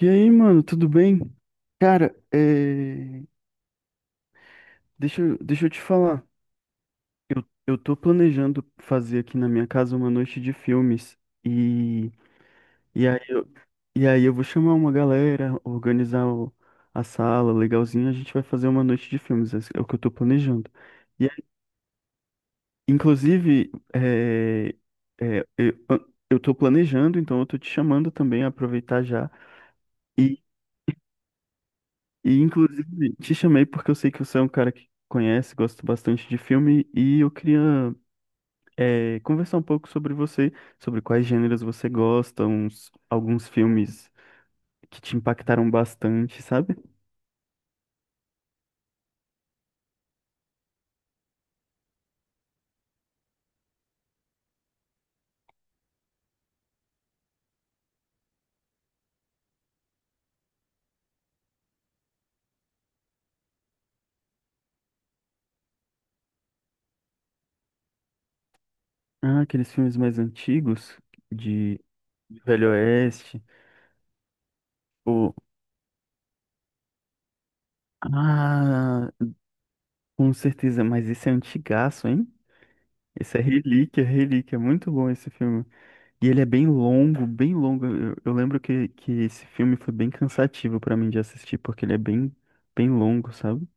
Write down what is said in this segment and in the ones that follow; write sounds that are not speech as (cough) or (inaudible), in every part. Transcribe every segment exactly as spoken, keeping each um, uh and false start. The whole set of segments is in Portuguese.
E aí, mano, tudo bem? Cara, é, deixa, eu- deixa eu te falar. Eu, eu tô planejando fazer aqui na minha casa uma noite de filmes. E, e aí eu, e aí eu vou chamar uma galera, organizar o- a sala, legalzinho, a gente vai fazer uma noite de filmes. Esse é o que eu tô planejando. E aí, inclusive, é, é, eu, eu tô planejando, então eu tô te chamando também, aproveitar já. E, inclusive, te chamei porque eu sei que você é um cara que conhece, gosta bastante de filme, e eu queria, eh, conversar um pouco sobre você, sobre quais gêneros você gosta, uns, alguns filmes que te impactaram bastante, sabe? Ah, aqueles filmes mais antigos, de de Velho Oeste, ou... Ah, com certeza, mas esse é antigaço, hein? Esse é relíquia, relíquia, muito bom esse filme. E ele é bem longo, bem longo. Eu, eu lembro que, que esse filme foi bem cansativo pra mim de assistir, porque ele é bem, bem longo, sabe?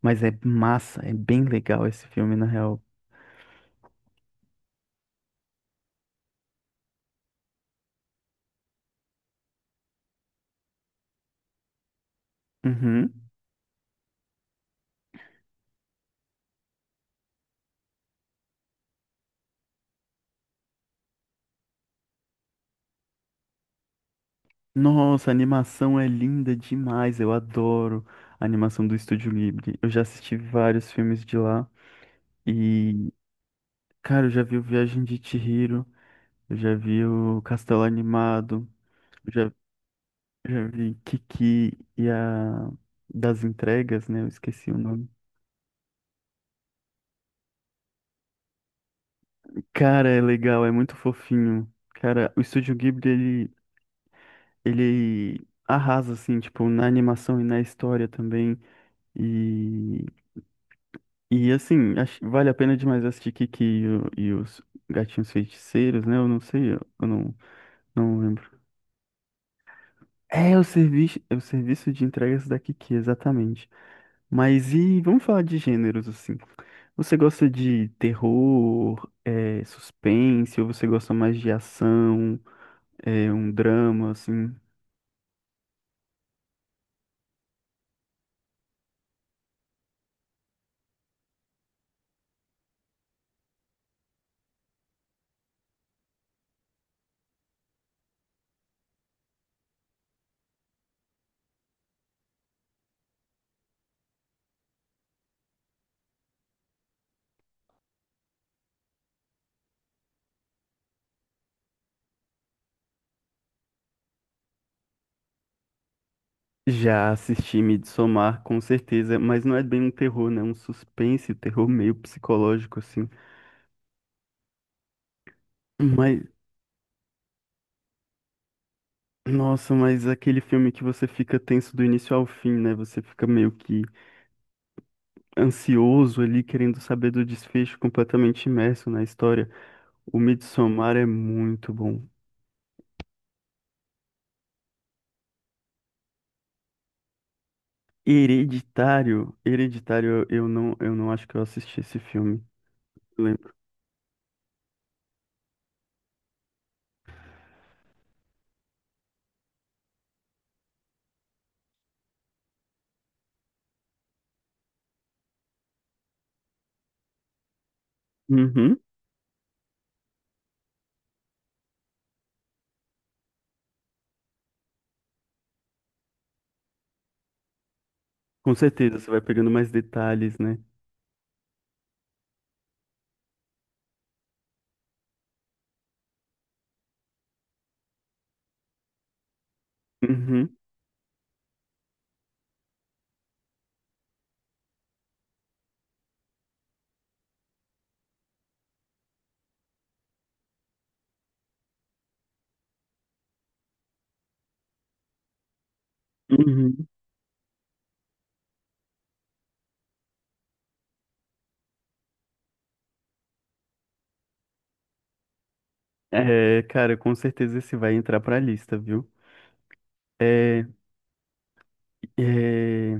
Mas é massa, é bem legal esse filme, na real. Uhum. Nossa, a animação é linda demais. Eu adoro a animação do Estúdio Ghibli. Eu já assisti vários filmes de lá. E, cara, eu já vi o Viagem de Chihiro, eu já vi o Castelo Animado, eu já, já vi Kiki e a das entregas, né? Eu esqueci o nome. Cara, é legal, é muito fofinho. Cara, o Estúdio Ghibli, ele, ele arrasa, assim, tipo, na animação e na história também. E, e assim, acho- vale a pena demais assistir Kiki e, o- e os Gatinhos Feiticeiros, né? Eu não sei, eu eu não, não lembro. É o serviço, é o serviço de entregas da Kiki, exatamente. Mas e vamos falar de gêneros, assim. Você gosta de terror, é, suspense, ou você gosta mais de ação? É um drama, assim. Já assisti Midsommar, com certeza, mas não é bem um terror, né? Um suspense, um terror meio psicológico, assim. Mas, nossa, mas aquele filme que você fica tenso do início ao fim, né? Você fica meio que ansioso ali, querendo saber do desfecho, completamente imerso na história. O Midsommar é muito bom. Hereditário, Hereditário, eu eu não, eu não acho que eu assisti esse filme. Lembro. Uhum. Com certeza, você vai pegando mais detalhes, né? Uhum. Uhum. É, cara, com certeza esse vai entrar pra lista, viu? É, é,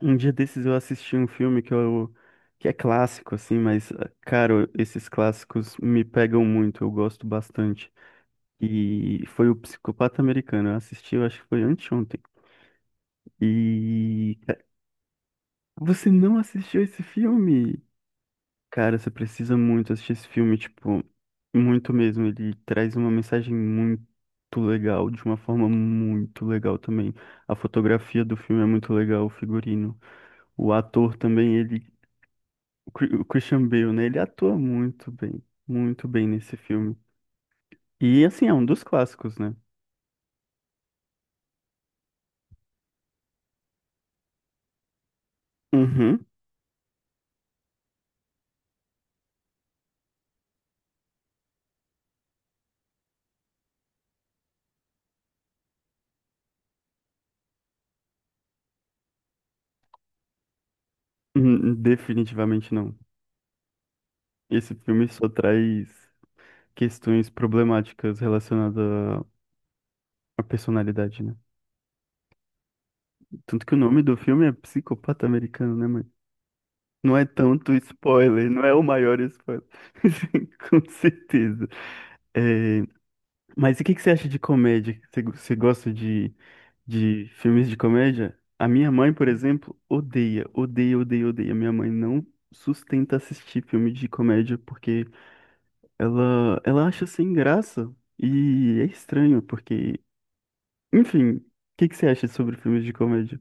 um dia desses eu assisti um filme que eu, que é clássico, assim, mas, cara, esses clássicos me pegam muito, eu gosto bastante. E foi o Psicopata Americano, eu assisti, eu acho que foi anteontem. E, cara, você não assistiu esse filme? Cara, você precisa muito assistir esse filme, tipo, muito mesmo. Ele traz uma mensagem muito legal, de uma forma muito legal também. A fotografia do filme é muito legal, o figurino. O ator também, ele, o Cri- o Christian Bale, né? Ele atua muito bem, muito bem nesse filme. E assim, é um dos clássicos, né? Uhum. Hum, definitivamente não. Esse filme só traz questões problemáticas relacionadas à à personalidade, né? Tanto que o nome do filme é Psicopata Americano, né, mãe? Não é tanto spoiler, não é o maior spoiler. (laughs) Com certeza. É, mas e o que que você acha de comédia? Você go- você gosta de, de filmes de comédia? A minha mãe, por exemplo, odeia, odeia, odeia, odeia. Minha mãe não sustenta assistir filme de comédia porque ela, ela acha sem graça. E é estranho, porque. Enfim, o que que você acha sobre filmes de comédia?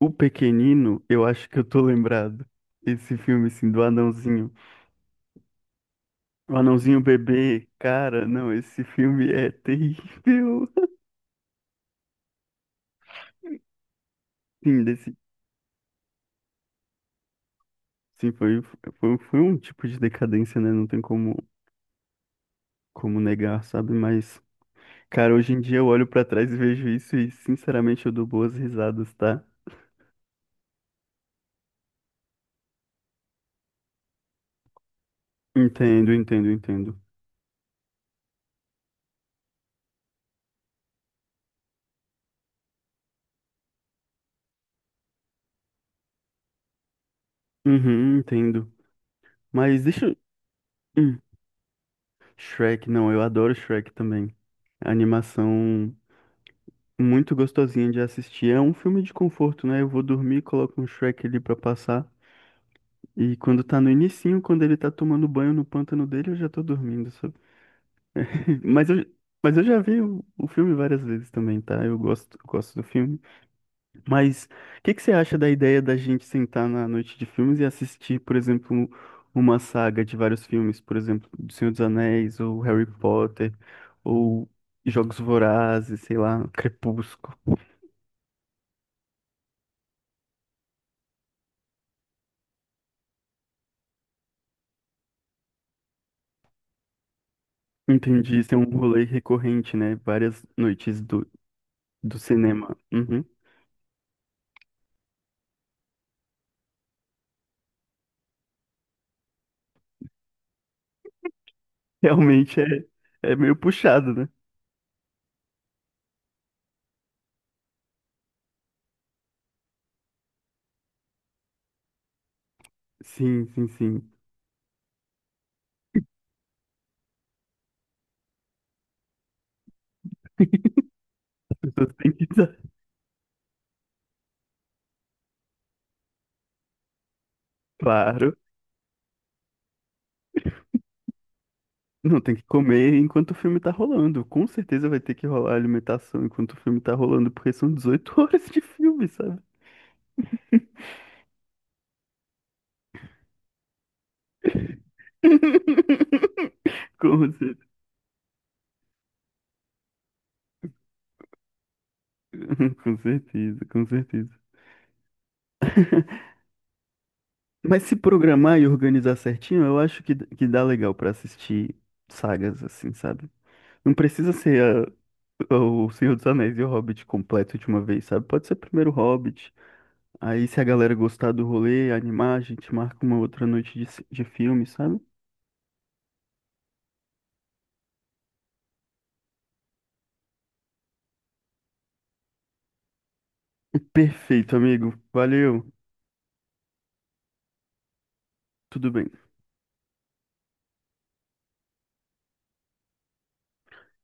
O Pequenino, eu acho que eu tô lembrado. Esse filme, assim, do Anãozinho. O Anãozinho Bebê, cara, não, esse filme é terrível. (laughs) Sim, desse, sim, foi, foi, foi um tipo de decadência, né? Não tem como, como negar, sabe? Mas, cara, hoje em dia eu olho pra trás e vejo isso e, sinceramente, eu dou boas risadas, tá? Entendo, entendo, entendo. Uhum, entendo. Mas deixa eu... Hum, Shrek, não, eu adoro Shrek também. A animação muito gostosinha de assistir. É um filme de conforto, né? Eu vou dormir, coloco um Shrek ali pra passar. E quando tá no inicinho, quando ele tá tomando banho no pântano dele, eu já tô dormindo, sabe? (laughs) Mas eu, mas eu já vi o, o filme várias vezes também, tá? Eu gosto, eu gosto do filme. Mas o que que você acha da ideia da gente sentar na noite de filmes e assistir, por exemplo, um- uma saga de vários filmes, por exemplo, do Senhor dos Anéis, ou Harry Potter, ou Jogos Vorazes, sei lá, Crepúsculo. Entendi, isso é um rolê recorrente, né? Várias noites do, do cinema. Uhum. (laughs) Realmente é, é meio puxado, né? Sim, sim, sim. As pessoas têm que (laughs) estar, claro. Não, tem que comer enquanto o filme tá rolando. Com certeza vai ter que rolar alimentação enquanto o filme tá rolando, porque são dezoito (laughs) horas de filme, sabe? (laughs) Com cer- (laughs) com certeza, com certeza. (laughs) Mas se programar e organizar certinho, eu acho que, que dá legal pra assistir sagas, assim, sabe? Não precisa ser a- o Senhor dos Anéis e o Hobbit completo de uma vez, sabe? Pode ser primeiro o Hobbit. Aí, se a galera gostar do rolê, animar, a gente marca uma outra noite de, ci- de filme, sabe? Perfeito, amigo. Valeu. Tudo bem.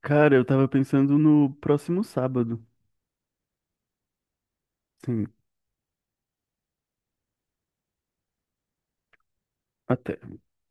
Cara, eu tava pensando no próximo sábado. Sim, até.